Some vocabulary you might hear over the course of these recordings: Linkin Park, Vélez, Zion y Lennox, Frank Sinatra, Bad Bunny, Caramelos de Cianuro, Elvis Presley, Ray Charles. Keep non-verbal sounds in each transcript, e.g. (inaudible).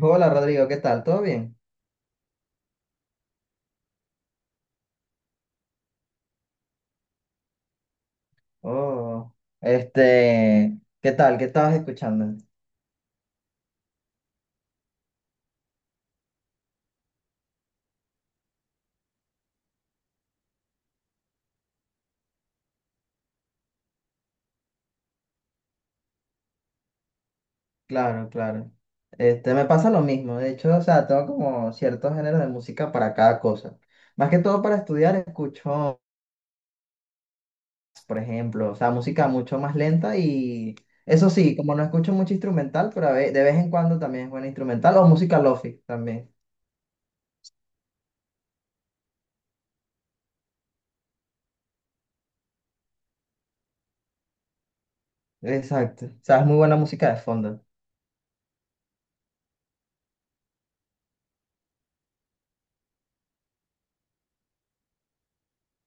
Hola Rodrigo, ¿qué tal? ¿Todo bien? Oh, ¿qué tal? ¿Qué estabas escuchando? Claro, claro. Me pasa lo mismo. De hecho, o sea, tengo como ciertos géneros de música para cada cosa. Más que todo para estudiar, escucho, por ejemplo, o sea, música mucho más lenta y eso sí, como no escucho mucho instrumental, pero de vez en cuando también es buena instrumental o música lofi también. Exacto. O sea, es muy buena música de fondo.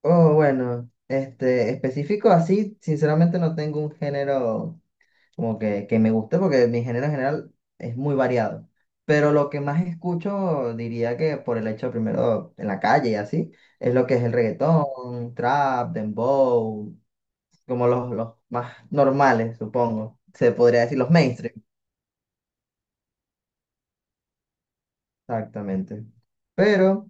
Oh, bueno, específico así, sinceramente no tengo un género como que me gusta porque mi género en general es muy variado. Pero lo que más escucho, diría que por el hecho primero en la calle y así, es lo que es el reggaetón, trap, dembow, como los más normales, supongo. Se podría decir los mainstream, exactamente. Pero...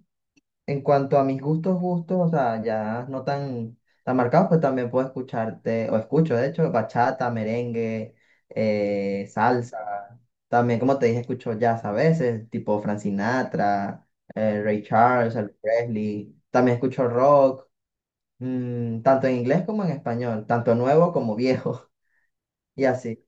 En cuanto a mis gustos, gustos, o sea, ya no tan marcados, pues también puedo escucharte, o escucho, de hecho, bachata, merengue, salsa. También, como te dije, escucho jazz a veces, tipo Frank Sinatra, Ray Charles, Elvis Presley. También escucho rock, tanto en inglés como en español, tanto nuevo como viejo, (laughs) y así.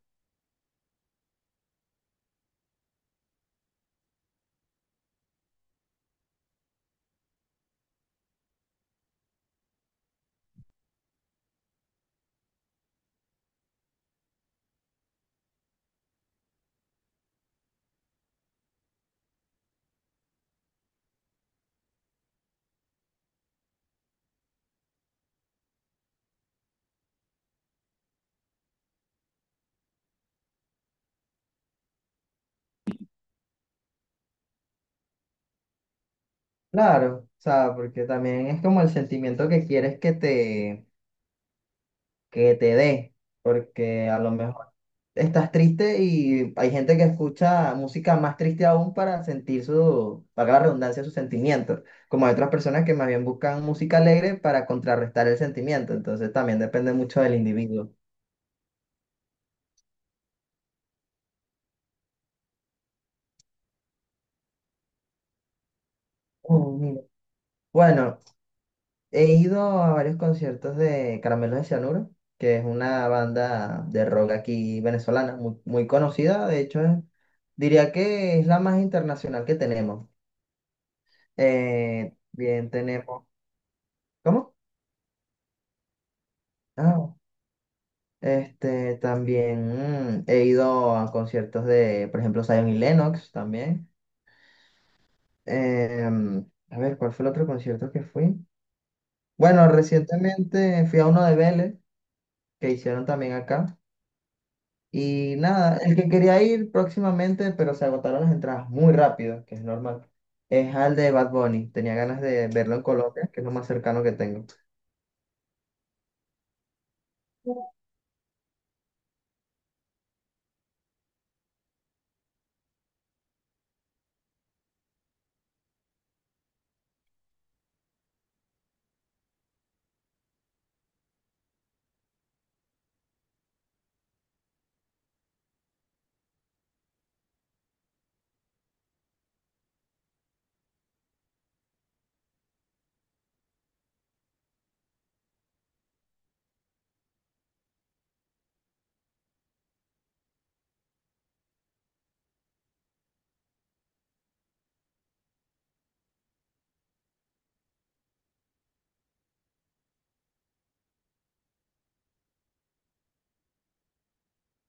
Claro, o sea, porque también es como el sentimiento que quieres que te dé, porque a lo mejor estás triste y hay gente que escucha música más triste aún para sentir su, para la redundancia, sus sentimientos, como hay otras personas que más bien buscan música alegre para contrarrestar el sentimiento, entonces también depende mucho del individuo. Oh, mira. Bueno, he ido a varios conciertos de Caramelos de Cianuro, que es una banda de rock aquí venezolana, muy, muy conocida, diría que es la más internacional que tenemos. Bien, tenemos... ¿Cómo? Ah. También he ido a conciertos de, por ejemplo, Zion y Lennox también. A ver, ¿cuál fue el otro concierto que fui? Bueno, recientemente fui a uno de Vélez, que hicieron también acá. Y nada, el que quería ir próximamente, pero se agotaron las entradas muy rápido, que es normal, es al de Bad Bunny. Tenía ganas de verlo en Colombia, que es lo más cercano que tengo.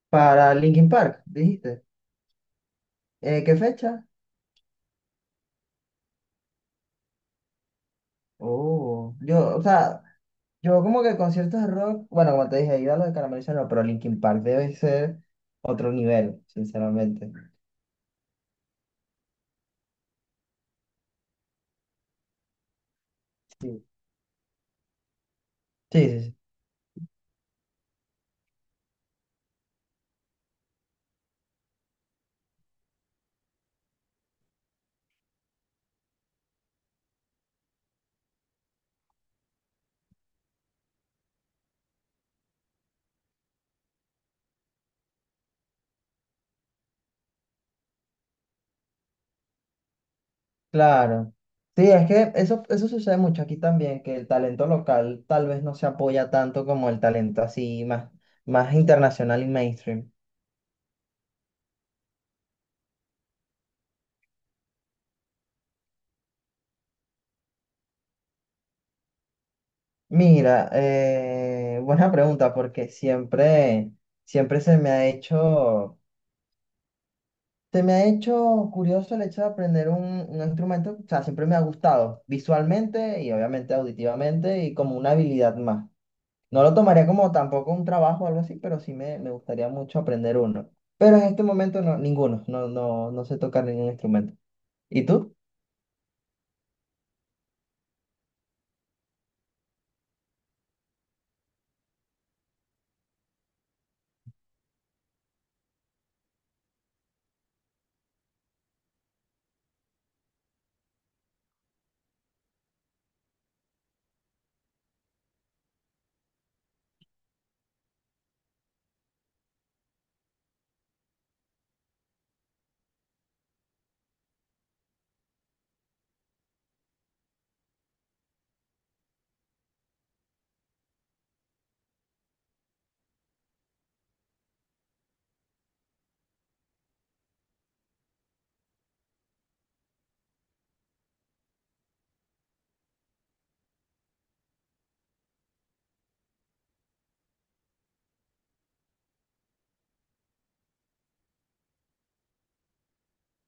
Para Linkin Park, dijiste. ¿Qué fecha? Oh, yo como que conciertos de rock, bueno, como te dije, he ido a los de Carameliza, no, pero Linkin Park debe ser otro nivel, sinceramente. Sí. Sí, sí, sí, claro. Sí, es que eso sucede mucho aquí también, que el talento local tal vez no se apoya tanto como el talento así más, más internacional y mainstream. Mira, buena pregunta, porque siempre, siempre se me ha hecho... Se me ha hecho curioso el hecho de aprender un instrumento, o sea, siempre me ha gustado visualmente y obviamente auditivamente y como una habilidad más. No lo tomaría como tampoco un trabajo o algo así, pero sí me gustaría mucho aprender uno. Pero en este momento no, ninguno, no, no, no sé tocar ningún instrumento. ¿Y tú?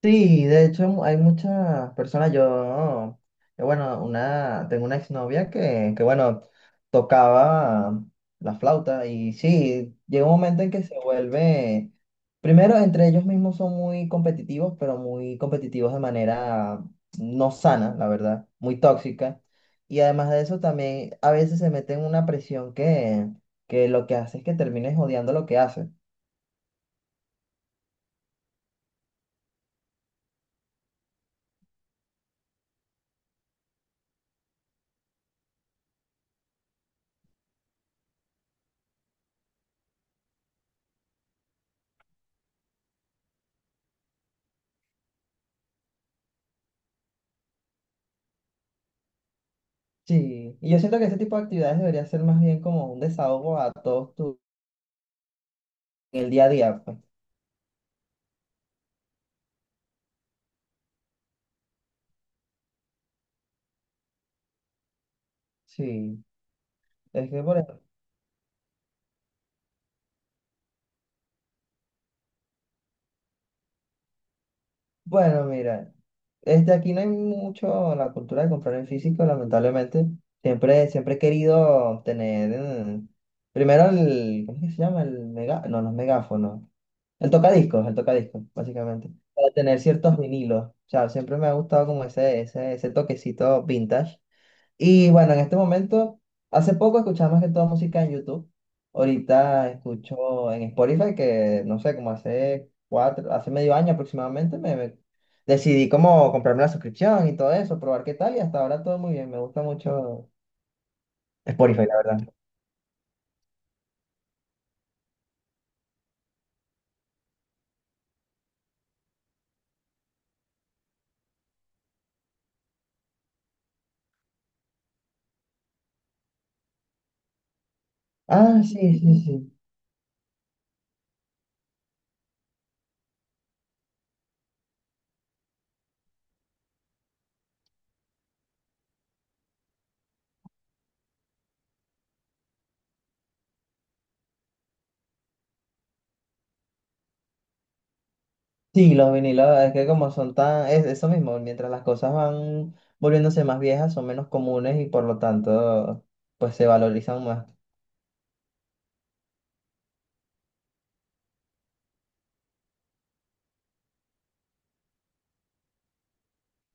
Sí, de hecho hay muchas personas, bueno, una, tengo una exnovia bueno, tocaba la flauta y sí, llega un momento en que se vuelve, primero entre ellos mismos son muy competitivos, pero muy competitivos de manera no sana, la verdad, muy tóxica. Y además de eso también a veces se meten en una presión que lo que hace es que termines odiando lo que haces. Sí, y yo siento que ese tipo de actividades debería ser más bien como un desahogo a todos tu, en el día a día, pues. Sí, es que por ejemplo, bueno, mira, aquí no hay mucho la cultura de comprar en físico, lamentablemente. Siempre, siempre he querido tener mm, primero el, ¿cómo es que se llama? El mega, no, no es megáfono, el tocadiscos, básicamente, para tener ciertos vinilos. O sea, siempre me ha gustado como ese toquecito vintage. Y bueno, en este momento, hace poco escuchaba más que toda música en YouTube. Ahorita escucho en Spotify que, no sé, como hace cuatro, hace medio año aproximadamente, decidí como comprarme la suscripción y todo eso, probar qué tal y hasta ahora todo muy bien. Me gusta mucho Spotify, la verdad. Ah, sí, sí, sí. Sí, los vinilos, es que como son tan, es eso mismo, mientras las cosas van volviéndose más viejas, son menos comunes y por lo tanto, pues se valorizan más.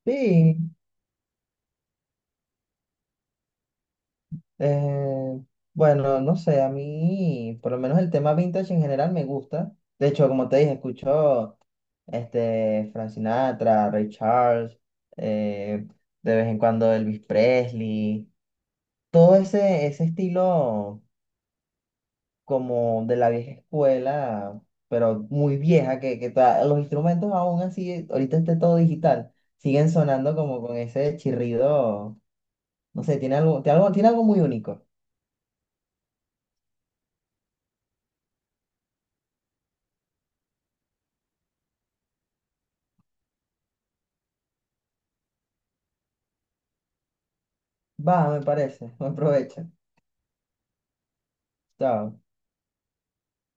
Sí. Eh, bueno, no sé, a mí por lo menos el tema vintage en general me gusta. De hecho, como te dije, escucho Frank Sinatra, Ray Charles, eh, de vez en cuando Elvis Presley, todo ese estilo como de la vieja escuela, pero muy vieja, los instrumentos aún así, ahorita está todo digital, siguen sonando como con ese chirrido, no sé, tiene algo muy único. Va, me parece, (laughs) buen provecho. Chao.